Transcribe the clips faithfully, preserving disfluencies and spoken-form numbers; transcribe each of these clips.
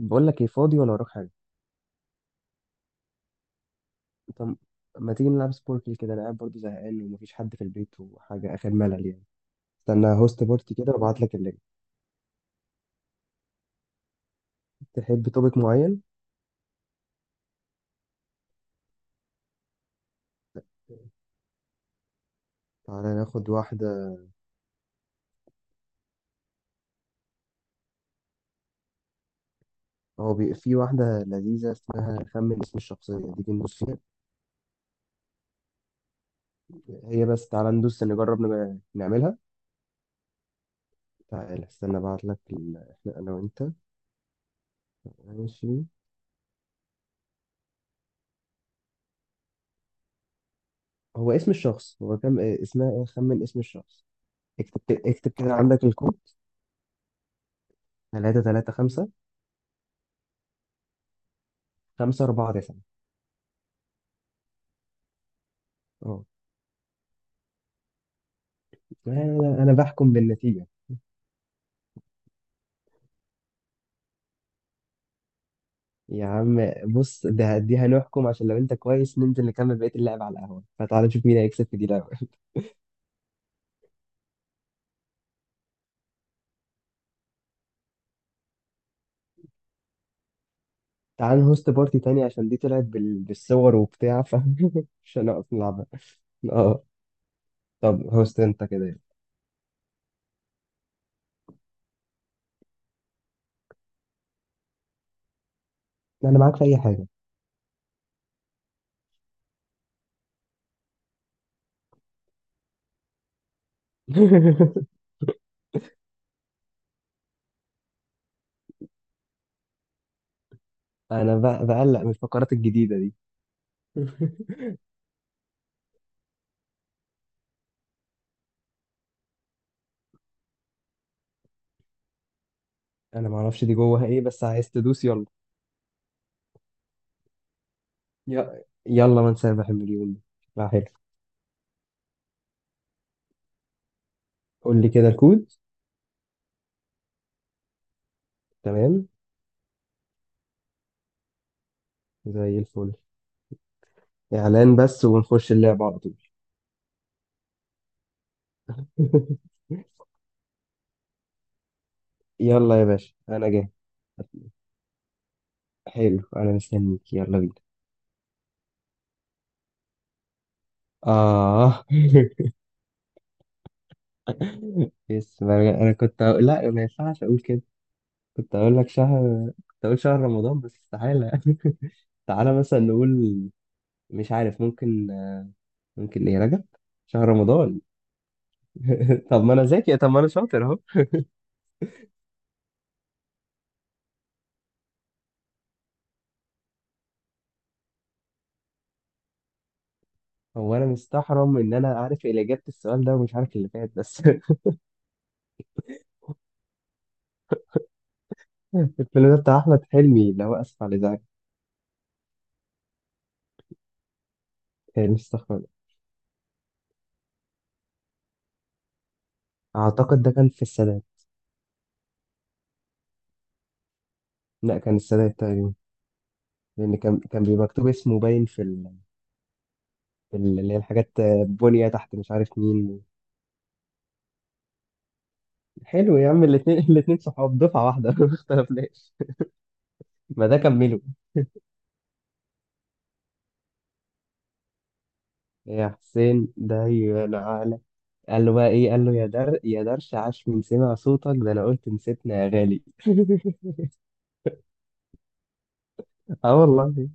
بقول لك ايه، فاضي ولا وراك حاجه؟ انت م- ما تيجي نلعب سبوركل كده؟ انا قاعد برضه زهقان، ومفيش حد في البيت وحاجه اخر ملل يعني. استنى هوست بارتي كده وابعت لك اللينك. تحب توبيك معين؟ تعالى ناخد واحده. هو بي... في واحده لذيذه، اسمها خمن اسم الشخصيه، دي ندوس فيها. هي بس تعالى ندوس نجرب نج- نعملها. تعالى استنى ابعت لك ال... احنا انا وانت. ماشي. هو اسم الشخص، هو كم إيه، اسمها ايه؟ خمن اسم الشخص. اكتب اكتب كده عندك الكود. تلاتة تلاتة خمسة. خمسة اربعة تسعة. اه. انا أنا بحكم بالنتيجه. يا عم بص، ده دي هنحكم، عشان لو انت كويس ننزل نكمل بقيه اللعب على القهوه، فتعال نشوف مين هيكسب في دي الاول. تعال نهوست بارتي تاني عشان دي طلعت بال... بالصور وبتاع ف مش هنقف نلعبها. اه. طب هوست انت كده يلا. انا معاك في اي حاجه. انا ب... بقلق من الفقرات الجديده دي. انا ما اعرفش دي جواها ايه، بس عايز تدوس يلا. ي... يلا ما نسابح المليون. ده حلو. قول لي كده الكود. تمام. زي الفل. إعلان بس ونخش اللعبة على طول. يلا يا باشا أنا جاي. حلو، أنا مستنيك، يلا بينا. آه. بس ما- أنا كنت أقول لا، ما ينفعش أقول كده. كنت أقول لك شهر، كنت أقول شهر رمضان، بس استحالة. تعالى مثلا نقول مش عارف، ممكن. ممكن إيه، رجب؟ شهر رمضان. طب ما أنا ذكي، طب ما أنا شاطر أهو. هو أنا مستحرم إن أنا عارف اللي إجابة السؤال ده ومش عارف اللي فات بس. الفيلم ده بتاع أحمد حلمي، اللي هو آسف على الإزعاج. كان استغفر الله. اعتقد ده كان في السادات. لا كان السادات تقريبا. لان كان كان بيبقى مكتوب اسمه باين في ال- في ال- اللي هي الحاجات، آه، بنية تحت مش عارف مين. حلو يا عم، الاتنين الاتنين صحاب دفعة واحدة. ما اختلفناش. ما ده كمله. يا حسين ده ينعلك. قال له بقى ايه؟ قال له يا در يا درش، عاش من سمع صوتك، ده انا قلت نسيتنا يا غالي. اه والله.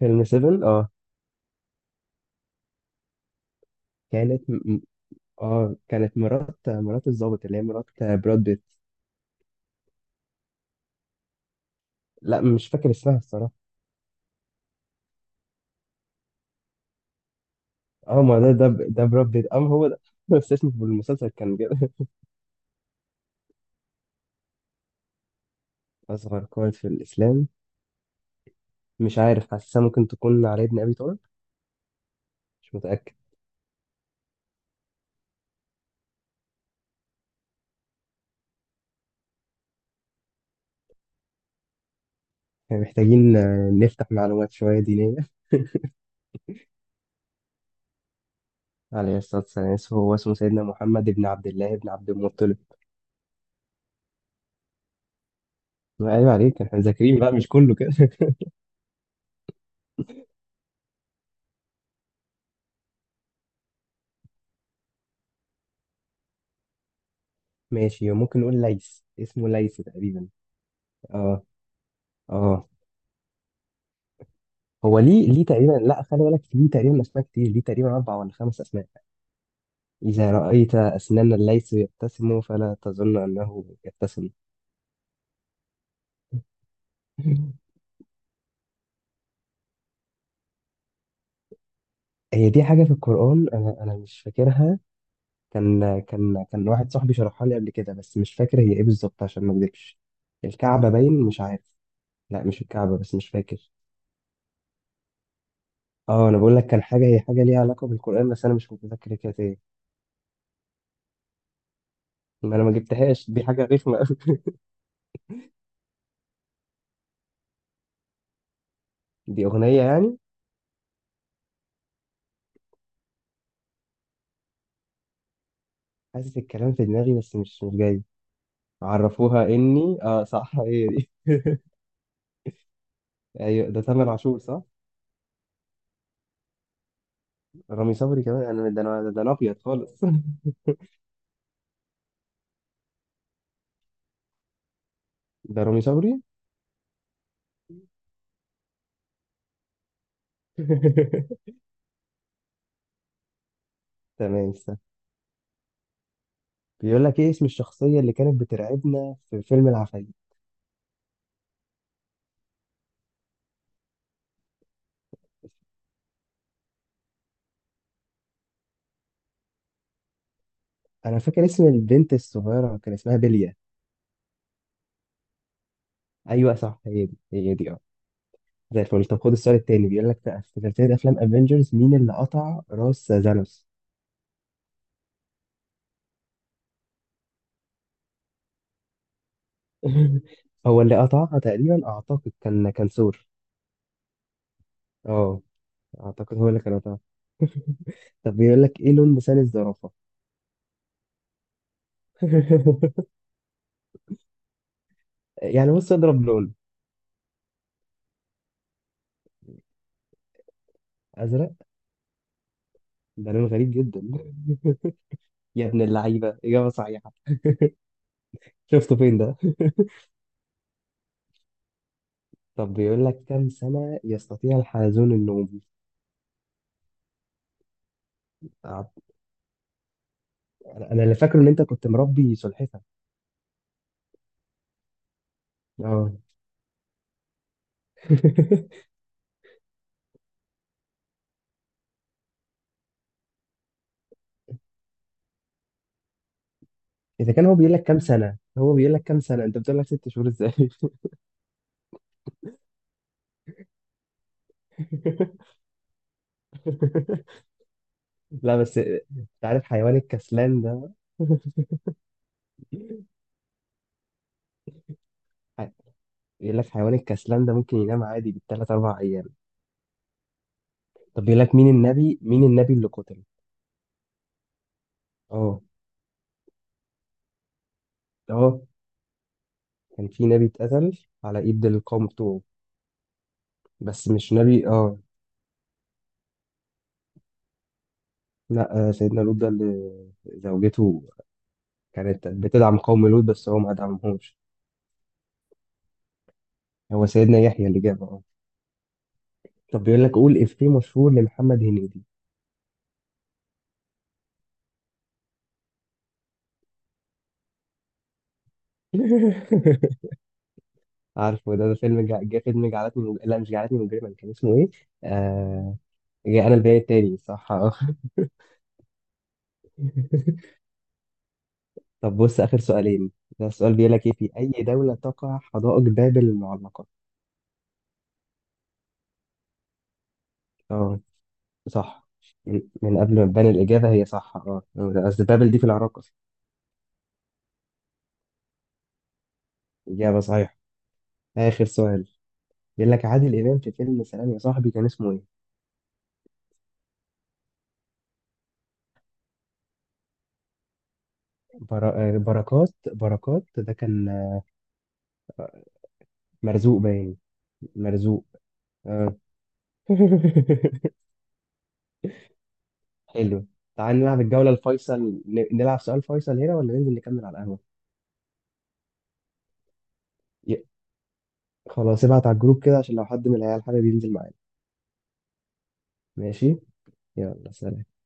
فيلم سيفن. اه. كانت م- م- اه كانت مرات مرات الضابط، اللي هي مرات براد بيت. لا مش فاكر اسمها الصراحة. اه ما ده ده ب- ده براد بيت، ام هو ده نفس اسمه في المسلسل كان كده. اصغر قائد في الاسلام. مش عارف، حاسسها ممكن تكون علي بن ابي طالب. مش متاكد. يعني محتاجين آه، نفتح معلومات شويه دينيه. عليه الصلاه والسلام، هو اسمه سيدنا محمد بن عبد الله بن عبد المطلب. ما عيب عليك، احنا مذاكرين بقى مش كله كده. ماشي، ممكن نقول ليث، اسمه ليث تقريبا. اه، اه. هو ليه، ليه تقريبا. لا خلي بالك، ليه تقريبا اسماء كتير، ليه تقريبا اربع ولا خمس اسماء. إذا رأيت أسنانا الليث يبتسم فلا تظن أنه يبتسم. هي دي حاجة في القرآن، أنا أنا مش فاكرها. كان كان كان واحد صاحبي شرحها لي قبل كده، بس مش فاكر هي إيه بالظبط عشان ما أكدبش. الكعبة باين، مش عارف. لا مش الكعبة، بس مش فاكر. اه أنا بقول لك كان حاجة، هي حاجة ليها علاقة بالقرآن، بس أنا مش متذكر كانت إيه. ما أنا ما جبتهاش، دي حاجة رخمة أوي. دي أغنية يعني. حاسس الكلام في دماغي، بس مش مش جاي. عرفوها، إني اه صح هي دي. أيوه ده تامر عاشور صح؟ رامي صبري كمان، انا ده انا ده انا ابيض خالص. ده رامي صبري. تمام، استنى. بيقول لك ايه اسم الشخصية اللي كانت بترعبنا في فيلم العفاريت؟ انا فاكر اسم البنت الصغيرة كان اسمها بيليا. ايوه صح، هي دي هي دي اه. زي الفل. طب خد السؤال التاني. بيقول لك بقى في سلسلة افلام افنجرز مين اللي قطع راس زانوس. هو اللي قطعها تقريبا، اعتقد كان كان ثور. اه، اعتقد هو اللي كان قطعها. طب بيقول لك ايه لون لسان الزرافة. يعني بص اضرب لون. ازرق. ده لون غريب جدا. يا ابن اللعيبة، إجابة صحيحة. شفته فين ده؟ طب بيقول لك كم سنة يستطيع الحلزون النوم. أنا أنا اللي فاكره إن أنت كنت مربي سلحفة. اه. إذا كان هو بيقول لك كم سنة، هو بيقول لك كم سنة أنت بتقول لك ست شهور إزاي؟ لا بس أنت عارف حيوان الكسلان ده. بيقول لك حيوان الكسلان ده ممكن ينام عادي بالثلاث أربع أيام. طب بيقول لك مين النبي مين النبي اللي قتل. اه، اه. كان في نبي اتقتل على إيد القوم بتوعه. بس مش نبي اه. لا، آه، سيدنا لوط ده اللي زوجته كانت بتدعم قوم لوط، بس هو ما دعمهمش. هو سيدنا يحيى اللي جابه اه. طب بيقول لك قول إفيه مشهور لمحمد هنيدي. عارفه ده, ده فيلم جا, جا فيلم جعلتني مج... لا مش جعلتني مجرما، كان اسمه ايه؟ آه... جا انا البيان التالي صح اه. طب بص آخر سؤالين. ده السؤال بيقول لك ايه في أي دولة تقع حدائق بابل المعلقة؟ اه صح. من من قبل ما تبان الإجابة هي صح اه. قصدي بابل دي في العراق. إجابة صحيحة. آخر سؤال. بيقول لك عادل إمام في فيلم سلام يا صاحبي كان اسمه إيه؟ برا... آه، بركات بركات، ده كان آه، مرزوق باين. مرزوق. آه. حلو. تعال نلعب الجولة الفيصل. ن- نلعب سؤال فيصل هنا ولا ننزل نكمل على القهوة؟ ي- خلاص ابعت على الجروب كده عشان لو حد من العيال حابب ينزل معانا. ماشي؟ يلا سلام.